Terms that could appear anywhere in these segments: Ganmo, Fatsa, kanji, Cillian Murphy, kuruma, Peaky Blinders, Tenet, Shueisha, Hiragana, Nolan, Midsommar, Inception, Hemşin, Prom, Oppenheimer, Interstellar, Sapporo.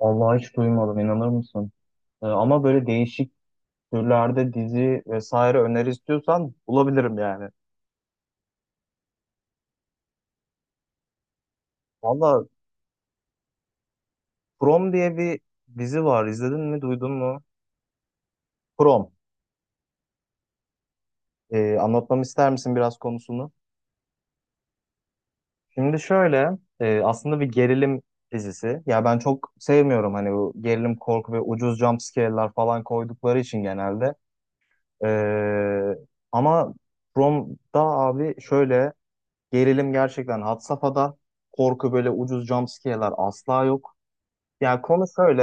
Vallahi hiç duymadım inanır mısın? Ama böyle değişik türlerde dizi vesaire öneri istiyorsan bulabilirim yani. Valla, Prom diye bir dizi var. İzledin mi, duydun mu? Prom. Anlatmamı ister misin biraz konusunu? Şimdi şöyle, aslında bir gerilim dizisi. Ya ben çok sevmiyorum hani bu gerilim, korku ve ucuz jump scare'lar falan koydukları için genelde. Ee, Ama Prom'da abi şöyle, gerilim gerçekten had safhada. Korku, böyle ucuz jumpscare'lar asla yok. Yani konu şöyle.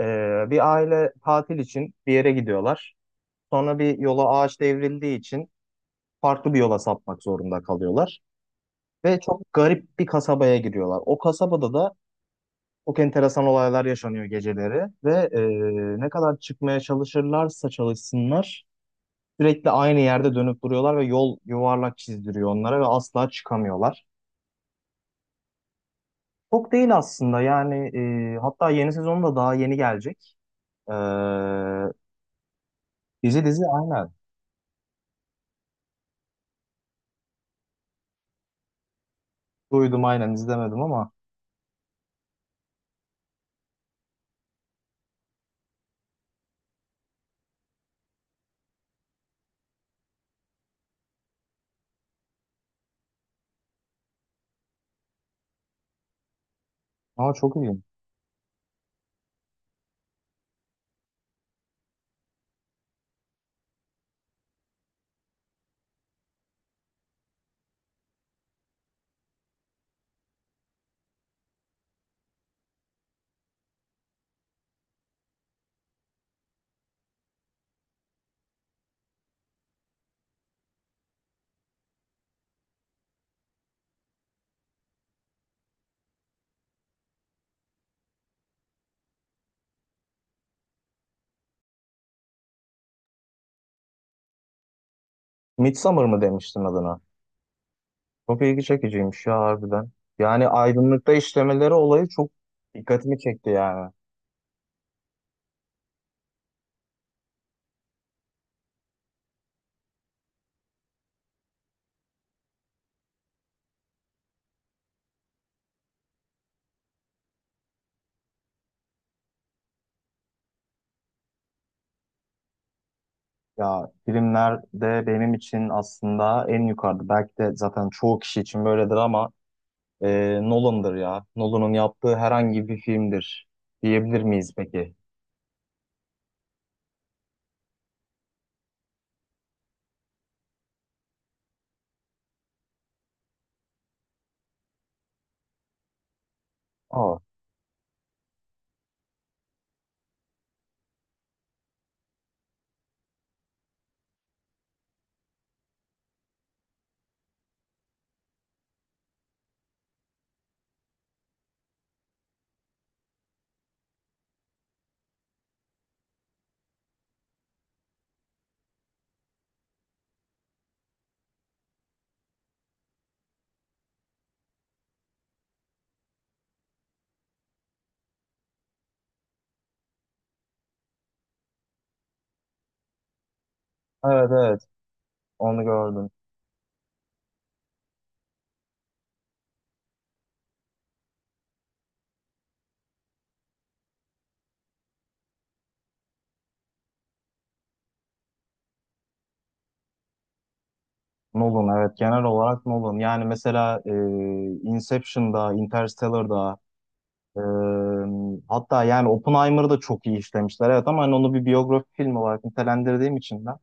Bir aile tatil için bir yere gidiyorlar. Sonra bir yola ağaç devrildiği için farklı bir yola sapmak zorunda kalıyorlar. Ve çok garip bir kasabaya giriyorlar. O kasabada da çok enteresan olaylar yaşanıyor geceleri. Ne kadar çıkmaya çalışırlarsa çalışsınlar sürekli aynı yerde dönüp duruyorlar ve yol yuvarlak çizdiriyor onlara ve asla çıkamıyorlar. Çok değil aslında, hatta yeni sezonu da daha yeni gelecek. Ee, Dizi, dizi, aynen. Duydum, aynen, izlemedim ama çok ilginç. Midsommar mı demiştin adına? Çok ilgi çekiciymiş ya, harbiden. Yani aydınlıkta işlemeleri olayı çok dikkatimi çekti yani. Ya, filmlerde benim için aslında en yukarıda. Belki de zaten çoğu kişi için böyledir ama Nolan'dır ya. Nolan'ın yaptığı herhangi bir filmdir diyebilir miyiz peki? Aa, evet evet, onu gördüm. Nolan, evet, genel olarak Nolan. Yani mesela, Inception'da, Interstellar'da, e, hatta yani Oppenheimer'ı da çok iyi işlemişler. Evet, ama hani onu bir biyografi filmi olarak nitelendirdiğim için ben.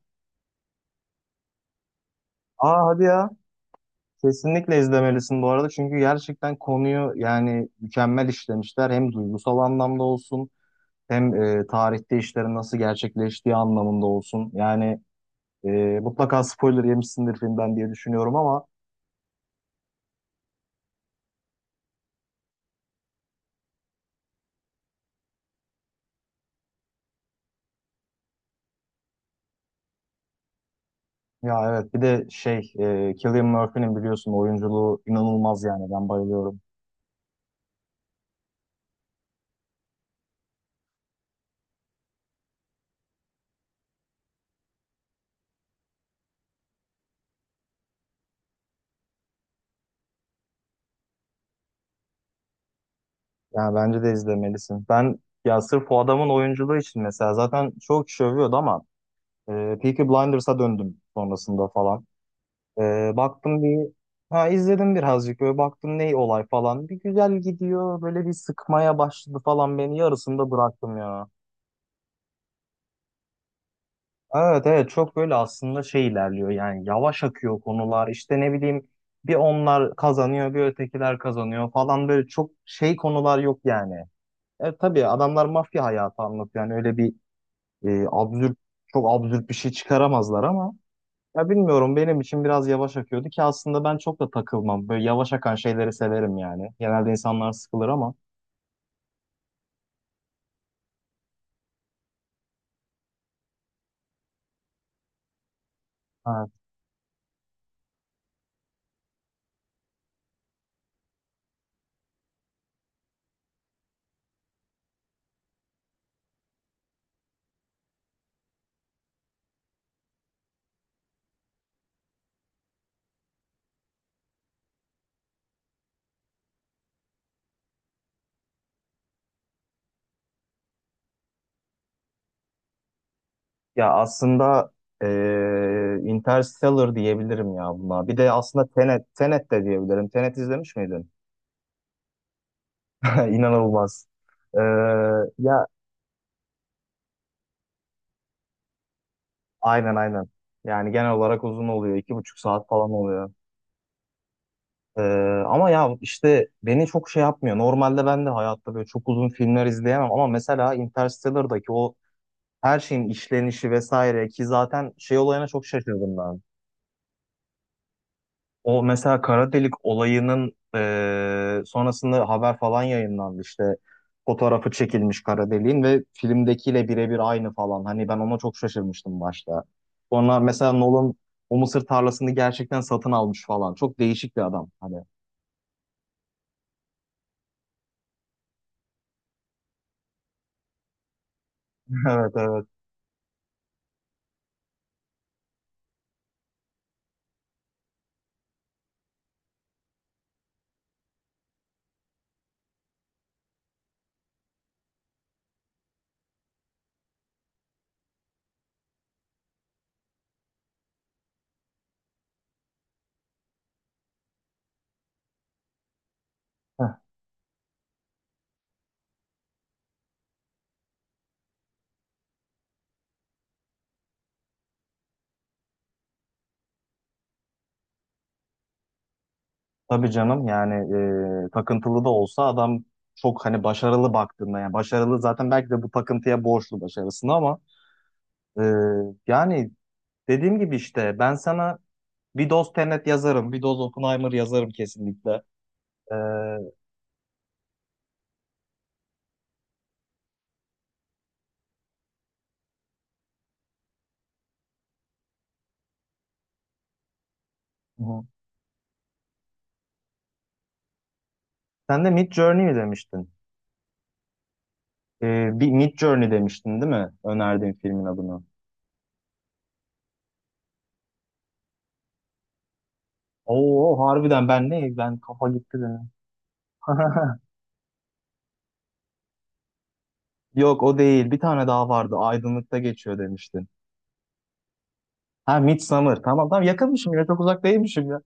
Aa, hadi ya. Kesinlikle izlemelisin bu arada. Çünkü gerçekten konuyu yani mükemmel işlemişler. Hem duygusal anlamda olsun, hem tarihte işlerin nasıl gerçekleştiği anlamında olsun. E, Mutlaka spoiler yemişsindir filmden diye düşünüyorum ama ya evet, bir de şey, Cillian Murphy'nin biliyorsun oyunculuğu inanılmaz, yani ben bayılıyorum. Yani bence de izlemelisin. Ben ya sırf o adamın oyunculuğu için mesela zaten çok kişi övüyordu ama e, Peaky Blinders'a döndüm sonrasında falan. E, Baktım bir, ha, izledim birazcık, böyle baktım ne olay falan. Bir güzel gidiyor, böyle bir sıkmaya başladı falan beni, yarısında bıraktım ya. Evet evet, çok böyle aslında şey ilerliyor yani, yavaş akıyor konular, işte ne bileyim, bir onlar kazanıyor bir ötekiler kazanıyor falan, böyle çok şey konular yok yani. E tabii adamlar mafya hayatı anlatıyor, yani öyle bir absürt, çok absürt bir şey çıkaramazlar ama ya bilmiyorum, benim için biraz yavaş akıyordu ki aslında ben çok da takılmam, böyle yavaş akan şeyleri severim yani. Genelde insanlar sıkılır ama. Ha. Ya aslında Interstellar diyebilirim ya buna. Bir de aslında Tenet, Tenet de diyebilirim. Tenet izlemiş miydin? İnanılmaz. Eee, Ya aynen, aynen. Yani genel olarak uzun oluyor. 2,5 saat falan oluyor. Ama ya işte beni çok şey yapmıyor. Normalde ben de hayatta böyle çok uzun filmler izleyemem. Ama mesela Interstellar'daki o her şeyin işlenişi vesaire, ki zaten şey olayına çok şaşırdım ben. O mesela kara delik olayının sonrasında haber falan yayınlandı işte. Fotoğrafı çekilmiş kara deliğin ve filmdekiyle birebir aynı falan. Hani ben ona çok şaşırmıştım başta. Sonra mesela Nolan o mısır tarlasını gerçekten satın almış falan. Çok değişik bir adam hani. Evet, evet. Heh. Tabii canım, yani takıntılı da olsa adam çok hani başarılı baktığında, yani başarılı zaten, belki de bu takıntıya borçlu başarısını ama eee, yani dediğim gibi, işte ben sana bir doz Tenet yazarım. Bir doz Oppenheimer yazarım kesinlikle. Ee, hı. Sen de Mid Journey mi demiştin? Bir Mid Journey demiştin değil mi? Önerdiğin filmin adını. Oo, harbiden ben ne? Ben, kafa gitti benim. Yok, o değil. Bir tane daha vardı. Aydınlıkta geçiyor demiştin. Ha, Midsummer. Tamam, tamam, yakınmışım ya. Çok uzak değilmişim ya.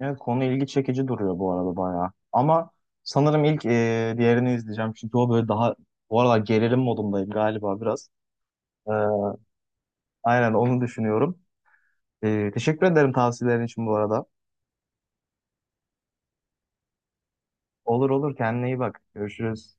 Evet, konu ilgi çekici duruyor bu arada bayağı. Ama sanırım ilk, diğerini izleyeceğim. Çünkü o böyle daha, bu arada gerilim modundayım galiba biraz. Ee, aynen, onu düşünüyorum. Teşekkür ederim tavsiyelerin için bu arada. Olur, olur, kendine iyi bak. Görüşürüz.